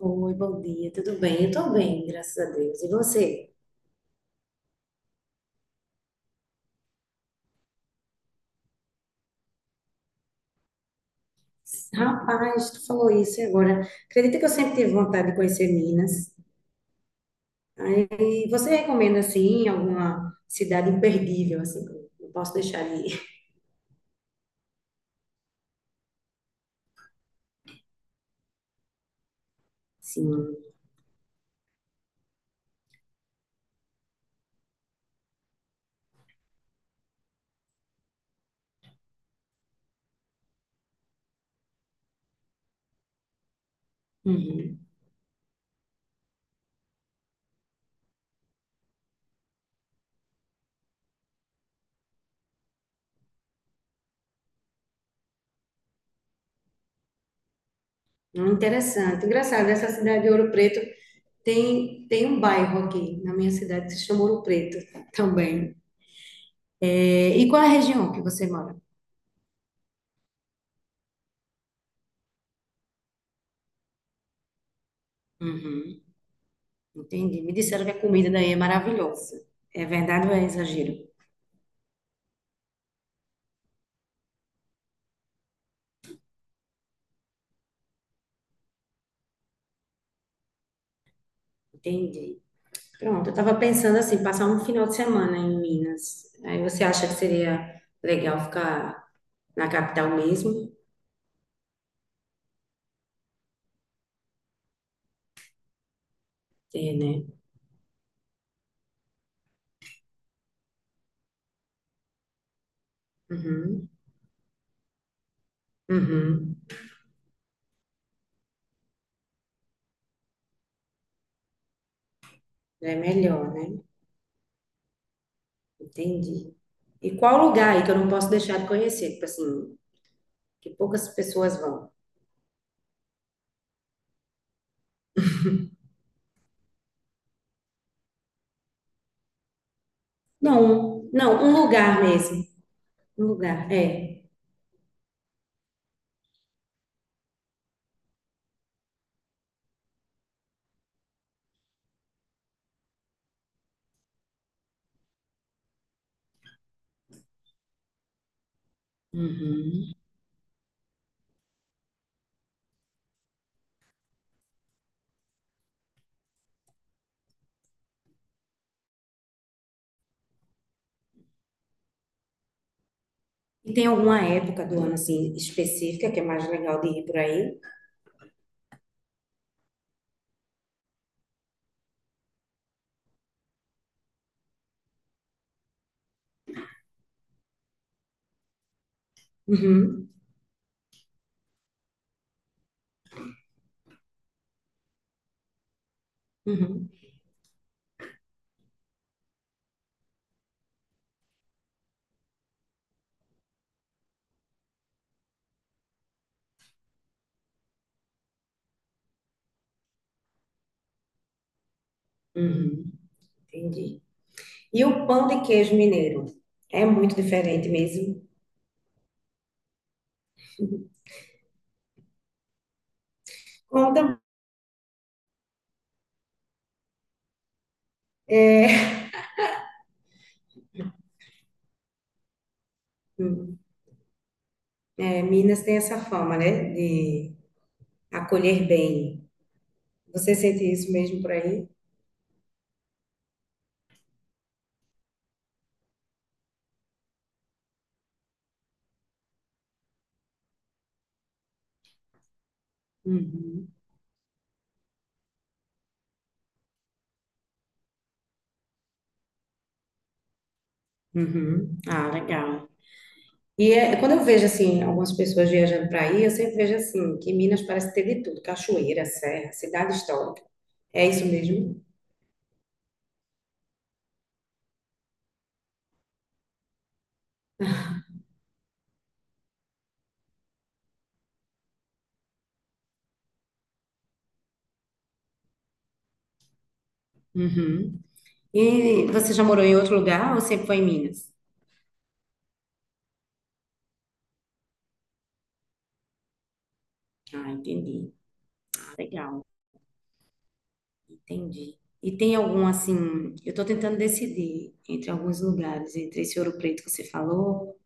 Oi, bom dia, tudo bem? Eu tô bem, graças a Deus. E você? Rapaz, tu falou isso e agora. Acredita que eu sempre tive vontade de conhecer Minas? Aí, você recomenda, assim, alguma cidade imperdível, assim, que eu não posso deixar de ir? Sim. Uhum. Interessante. Engraçado, essa cidade de Ouro Preto tem um bairro aqui na minha cidade que se chama Ouro Preto também. É, e qual é a região que você mora? Uhum. Entendi. Me disseram que a comida daí é maravilhosa. É verdade ou é exagero? Entendi. Pronto, eu estava pensando assim, passar um final de semana em Minas. Aí você acha que seria legal ficar na capital mesmo? É, né? Uhum, uhum. É melhor, né? Entendi. E qual lugar aí que eu não posso deixar de conhecer? Tipo assim, que poucas pessoas vão. Não, não, um lugar mesmo. Um lugar, é. Uhum. E tem alguma época do ano assim específica que é mais legal de ir por aí? Uhum, uhum, uhum, entendi. E o pão de queijo mineiro é muito diferente mesmo. Como tam- é, hum, é, Minas tem essa fama, né, de acolher bem. Você sente isso mesmo por aí? Uhum, uhum. Ah, legal. E é, quando eu vejo assim algumas pessoas viajando para aí, eu sempre vejo assim que Minas parece ter de tudo, cachoeira, serra, cidade histórica. É isso mesmo? Uhum. E você já morou em outro lugar ou sempre foi em Minas? Ah, entendi. Legal, entendi. E tem algum assim, eu estou tentando decidir entre alguns lugares, entre esse Ouro Preto que você falou,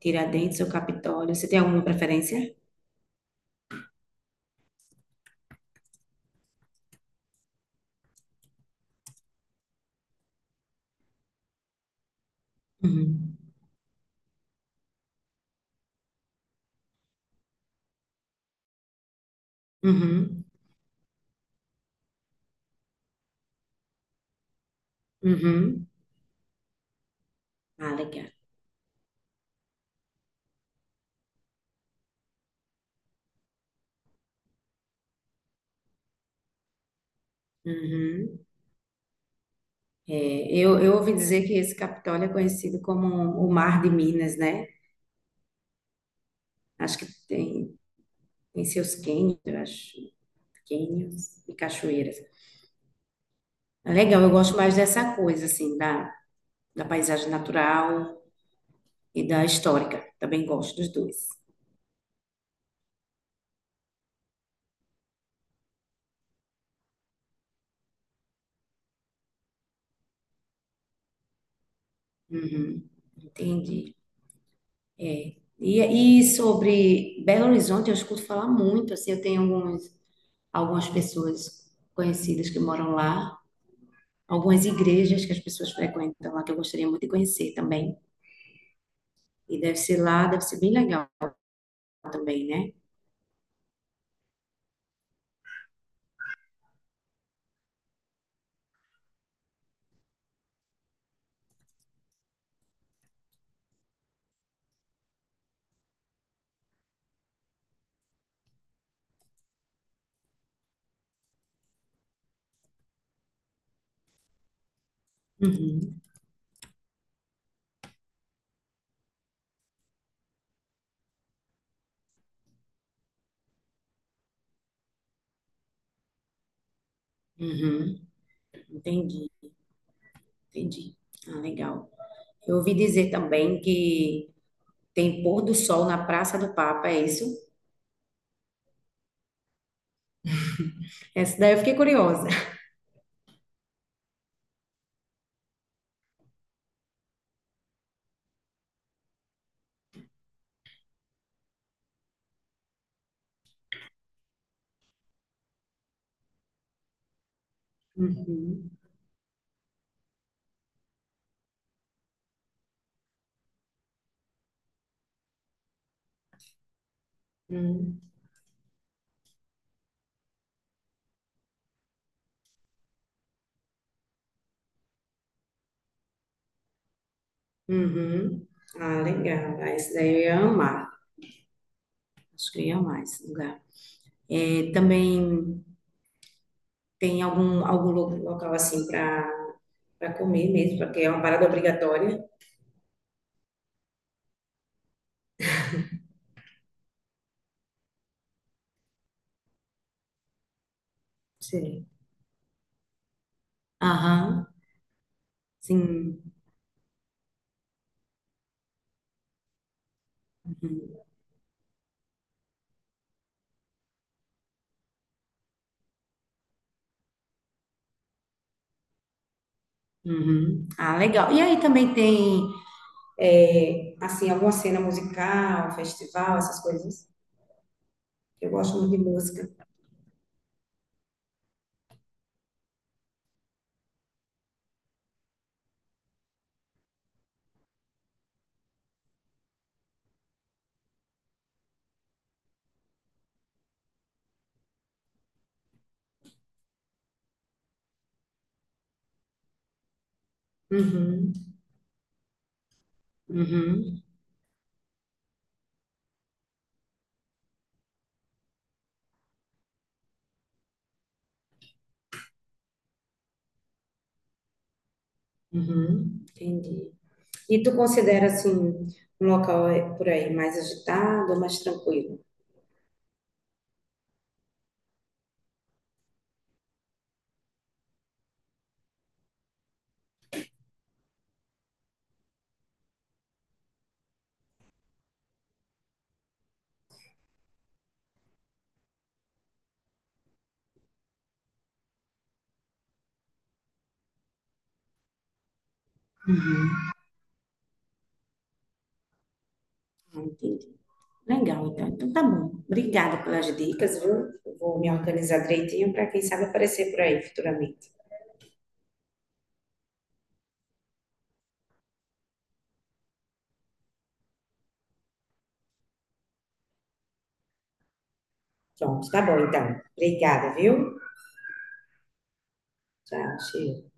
Tiradentes ou Capitólio. Você tem alguma preferência? Uhum. Uhum. Uhum. Ah, legal. Uhum. É, eu ouvi dizer que esse Capitólio é conhecido como o Mar de Minas, né? Acho que tem seus cânions, eu acho, cânions e cachoeiras. É legal, eu gosto mais dessa coisa, assim, da, da paisagem natural e da histórica. Também gosto dos dois. Uhum, entendi. E sobre Belo Horizonte, eu escuto falar muito, assim, eu tenho alguns, algumas pessoas conhecidas que moram lá, algumas igrejas que as pessoas frequentam lá, que eu gostaria muito de conhecer também. E deve ser lá, deve ser bem legal também, né? Uhum, uhum, entendi, entendi. Ah, legal. Eu ouvi dizer também que tem pôr do sol na Praça do Papa, é isso? Essa daí eu fiquei curiosa. Uhum, uhum, uhum. Ah, legal. Ah, esse daí eu ia amar. Acho que eu ia amar esse lugar. É, também tem algum local assim para comer mesmo, porque é uma parada obrigatória. Sim. Aham, sim. Uhum. Uhum. Ah, legal. E aí também tem, é, assim, alguma cena musical, festival, essas coisas. Eu gosto muito de música. Uhum. Uhum. Uhum, entendi. E tu considera assim um local é, por aí mais agitado ou mais tranquilo? Ah, entendi. Legal, então. Então tá bom. Obrigada pelas dicas, viu? Eu vou me organizar direitinho para quem sabe aparecer por aí futuramente. Pronto, tá bom então. Obrigada, viu? Tchau, cheiro.